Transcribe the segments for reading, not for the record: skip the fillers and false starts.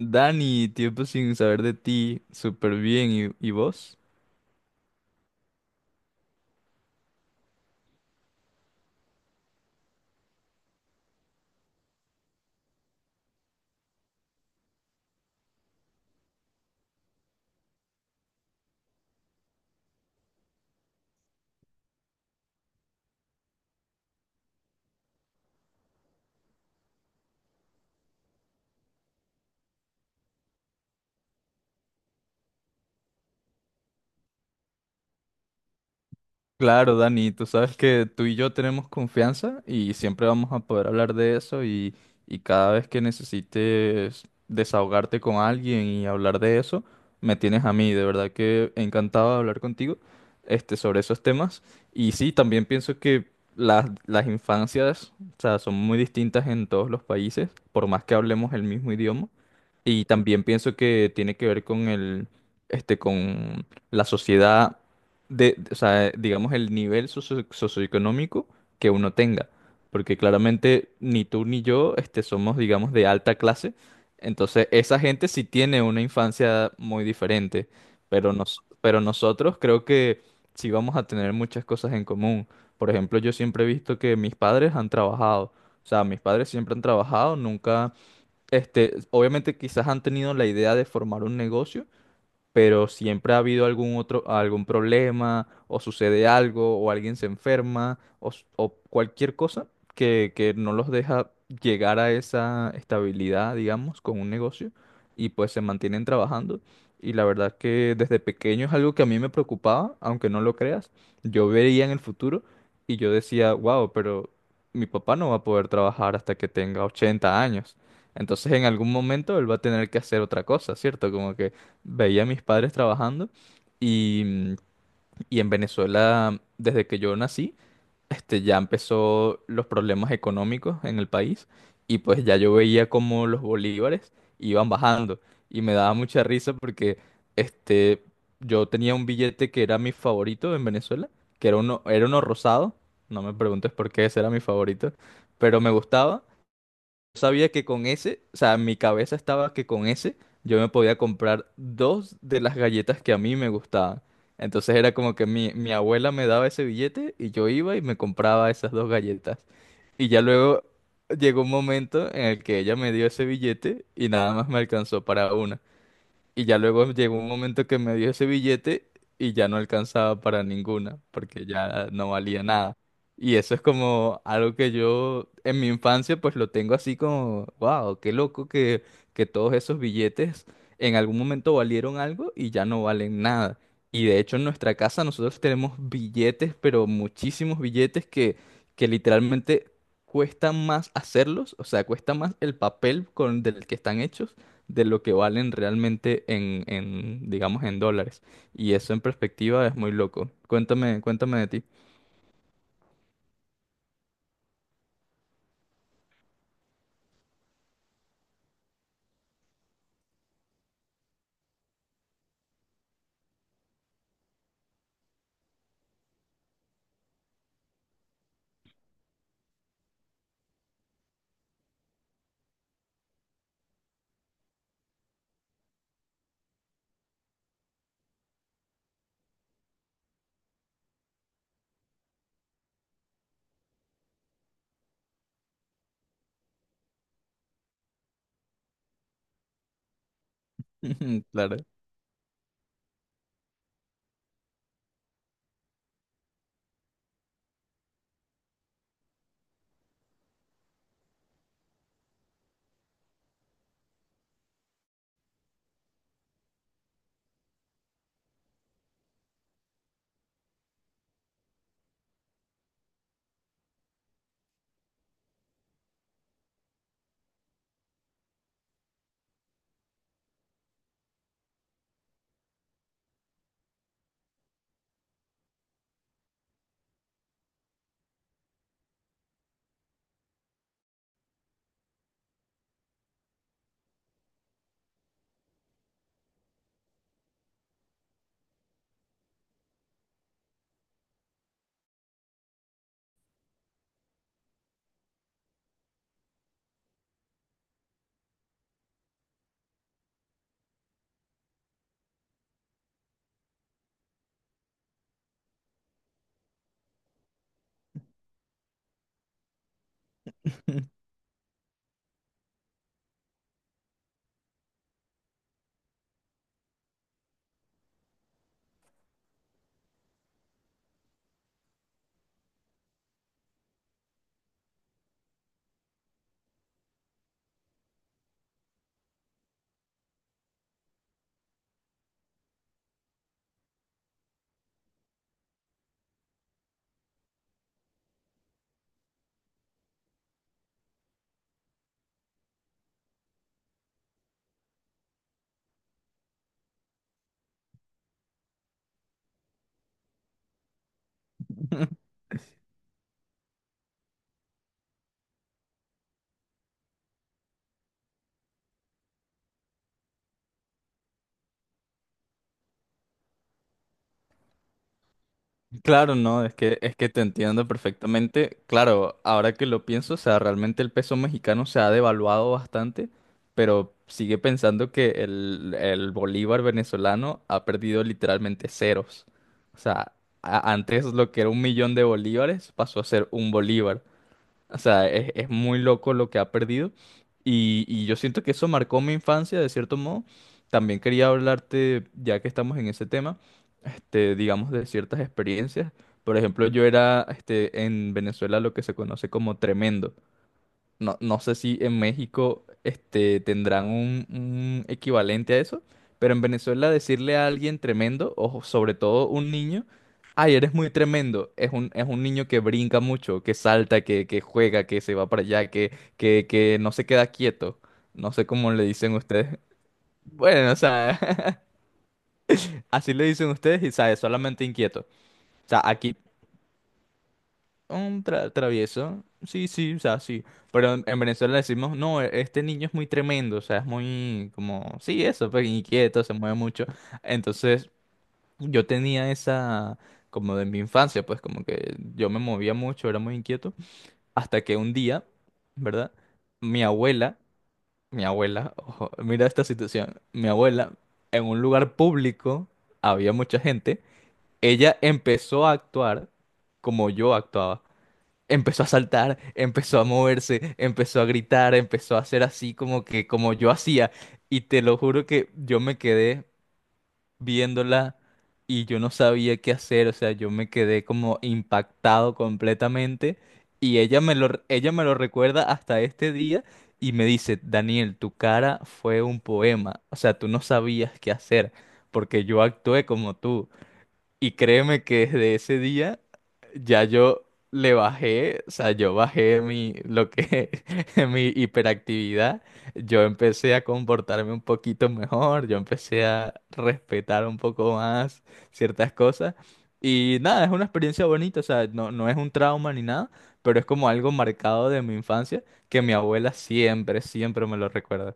Dani, tiempo sin saber de ti, súper bien. ¿Y vos? Claro, Dani, tú sabes que tú y yo tenemos confianza y siempre vamos a poder hablar de eso y cada vez que necesites desahogarte con alguien y hablar de eso, me tienes a mí. De verdad que encantado de hablar contigo, sobre esos temas. Y sí, también pienso que las infancias, o sea, son muy distintas en todos los países, por más que hablemos el mismo idioma. Y también pienso que tiene que ver con el, con la sociedad o sea, digamos el nivel socioeconómico que uno tenga, porque claramente ni tú ni yo, somos, digamos, de alta clase, entonces esa gente sí tiene una infancia muy diferente, pero nosotros creo que sí vamos a tener muchas cosas en común. Por ejemplo, yo siempre he visto que mis padres han trabajado, o sea, mis padres siempre han trabajado, nunca obviamente quizás han tenido la idea de formar un negocio, pero siempre ha habido algún problema, o sucede algo, o alguien se enferma, o cualquier cosa que no los deja llegar a esa estabilidad, digamos, con un negocio, y pues se mantienen trabajando. Y la verdad que desde pequeño es algo que a mí me preocupaba, aunque no lo creas. Yo veía en el futuro y yo decía, wow, pero mi papá no va a poder trabajar hasta que tenga 80 años. Entonces en algún momento él va a tener que hacer otra cosa, ¿cierto? Como que veía a mis padres trabajando y, y en Venezuela, desde que yo nací, ya empezó los problemas económicos en el país y pues ya yo veía como los bolívares iban bajando y me daba mucha risa porque este, yo tenía un billete que era mi favorito en Venezuela, era uno rosado, no me preguntes por qué ese era mi favorito, pero me gustaba. Sabía que con ese, o sea, en mi cabeza estaba que con ese yo me podía comprar dos de las galletas que a mí me gustaban. Entonces era como que mi abuela me daba ese billete y yo iba y me compraba esas dos galletas. Y ya luego llegó un momento en el que ella me dio ese billete y nada más me alcanzó para una. Y ya luego llegó un momento que me dio ese billete y ya no alcanzaba para ninguna, porque ya no valía nada. Y eso es como algo que yo en mi infancia pues lo tengo así como, wow, qué loco que todos esos billetes en algún momento valieron algo y ya no valen nada. Y de hecho en nuestra casa nosotros tenemos billetes, pero muchísimos billetes que literalmente cuesta más hacerlos, o sea, cuesta más el papel con del que están hechos de lo que valen realmente digamos, en dólares. Y eso en perspectiva es muy loco. Cuéntame, cuéntame de ti. Claro. Claro, no, es que te entiendo perfectamente. Claro, ahora que lo pienso, o sea, realmente el peso mexicano se ha devaluado bastante, pero sigue pensando que el bolívar venezolano ha perdido literalmente ceros. O sea, antes lo que era 1 millón de bolívares pasó a ser un bolívar. O sea, es muy loco lo que ha perdido. Y yo siento que eso marcó mi infancia, de cierto modo. También quería hablarte, ya que estamos en ese tema, digamos, de ciertas experiencias. Por ejemplo, yo era, en Venezuela lo que se conoce como tremendo. No, no sé si en México tendrán un equivalente a eso, pero en Venezuela decirle a alguien tremendo, o sobre todo un niño, ay, eres muy tremendo, es un niño que brinca mucho, que salta, que juega, que se va para allá, que no se queda quieto. No sé cómo le dicen ustedes. Bueno, o sea, así le dicen ustedes y, ¿sabes? Solamente inquieto. O sea, aquí un travieso. Sí, sí, o sea, sí. Pero en Venezuela decimos, no, este niño es muy tremendo, o sea, es muy como, sí, eso, pues inquieto, se mueve mucho. Entonces, yo tenía esa, como de mi infancia, pues como que yo me movía mucho, era muy inquieto. Hasta que un día, ¿verdad? Mi abuela, mi abuela, ojo, mira esta situación, mi abuela, en un lugar público, había mucha gente, ella empezó a actuar como yo actuaba. Empezó a saltar, empezó a moverse, empezó a gritar, empezó a hacer así como yo hacía. Y te lo juro que yo me quedé viéndola y yo no sabía qué hacer. O sea, yo me quedé como impactado completamente. Y ella me lo recuerda hasta este día y me dice, Daniel, tu cara fue un poema. O sea, tú no sabías qué hacer porque yo actué como tú. Y créeme que desde ese día ya yo le bajé, o sea, yo bajé mi hiperactividad, yo empecé a comportarme un poquito mejor, yo empecé a respetar un poco más ciertas cosas. Y nada, es una experiencia bonita, o sea, no, no es un trauma ni nada, pero es como algo marcado de mi infancia que mi abuela siempre, siempre me lo recuerda.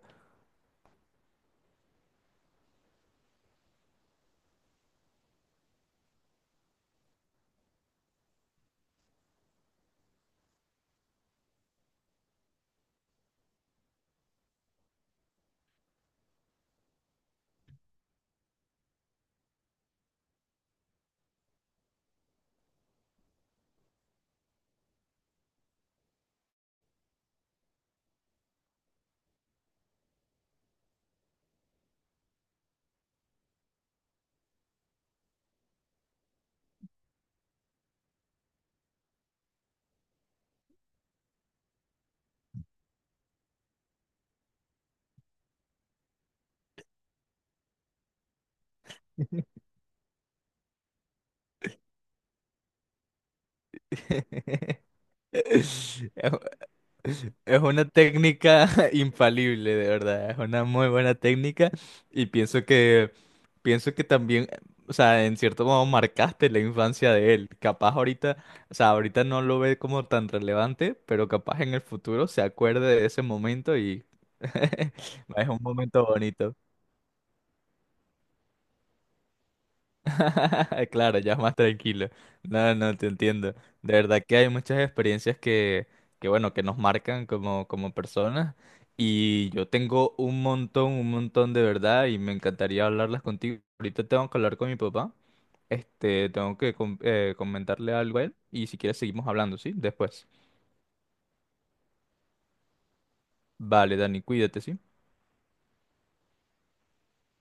Es una técnica infalible, de verdad. Es una muy buena técnica y pienso que también, o sea, en cierto modo marcaste la infancia de él. Capaz ahorita, o sea, ahorita no lo ve como tan relevante, pero capaz en el futuro se acuerde de ese momento y es un momento bonito. Claro, ya es más tranquilo. No, no, te entiendo. De verdad que hay muchas experiencias que bueno, que nos marcan como, como personas. Y yo tengo un montón de verdad y me encantaría hablarlas contigo. Ahorita tengo que hablar con mi papá. Tengo que comentarle algo a él y si quieres seguimos hablando, ¿sí? Después. Vale, Dani, cuídate, ¿sí?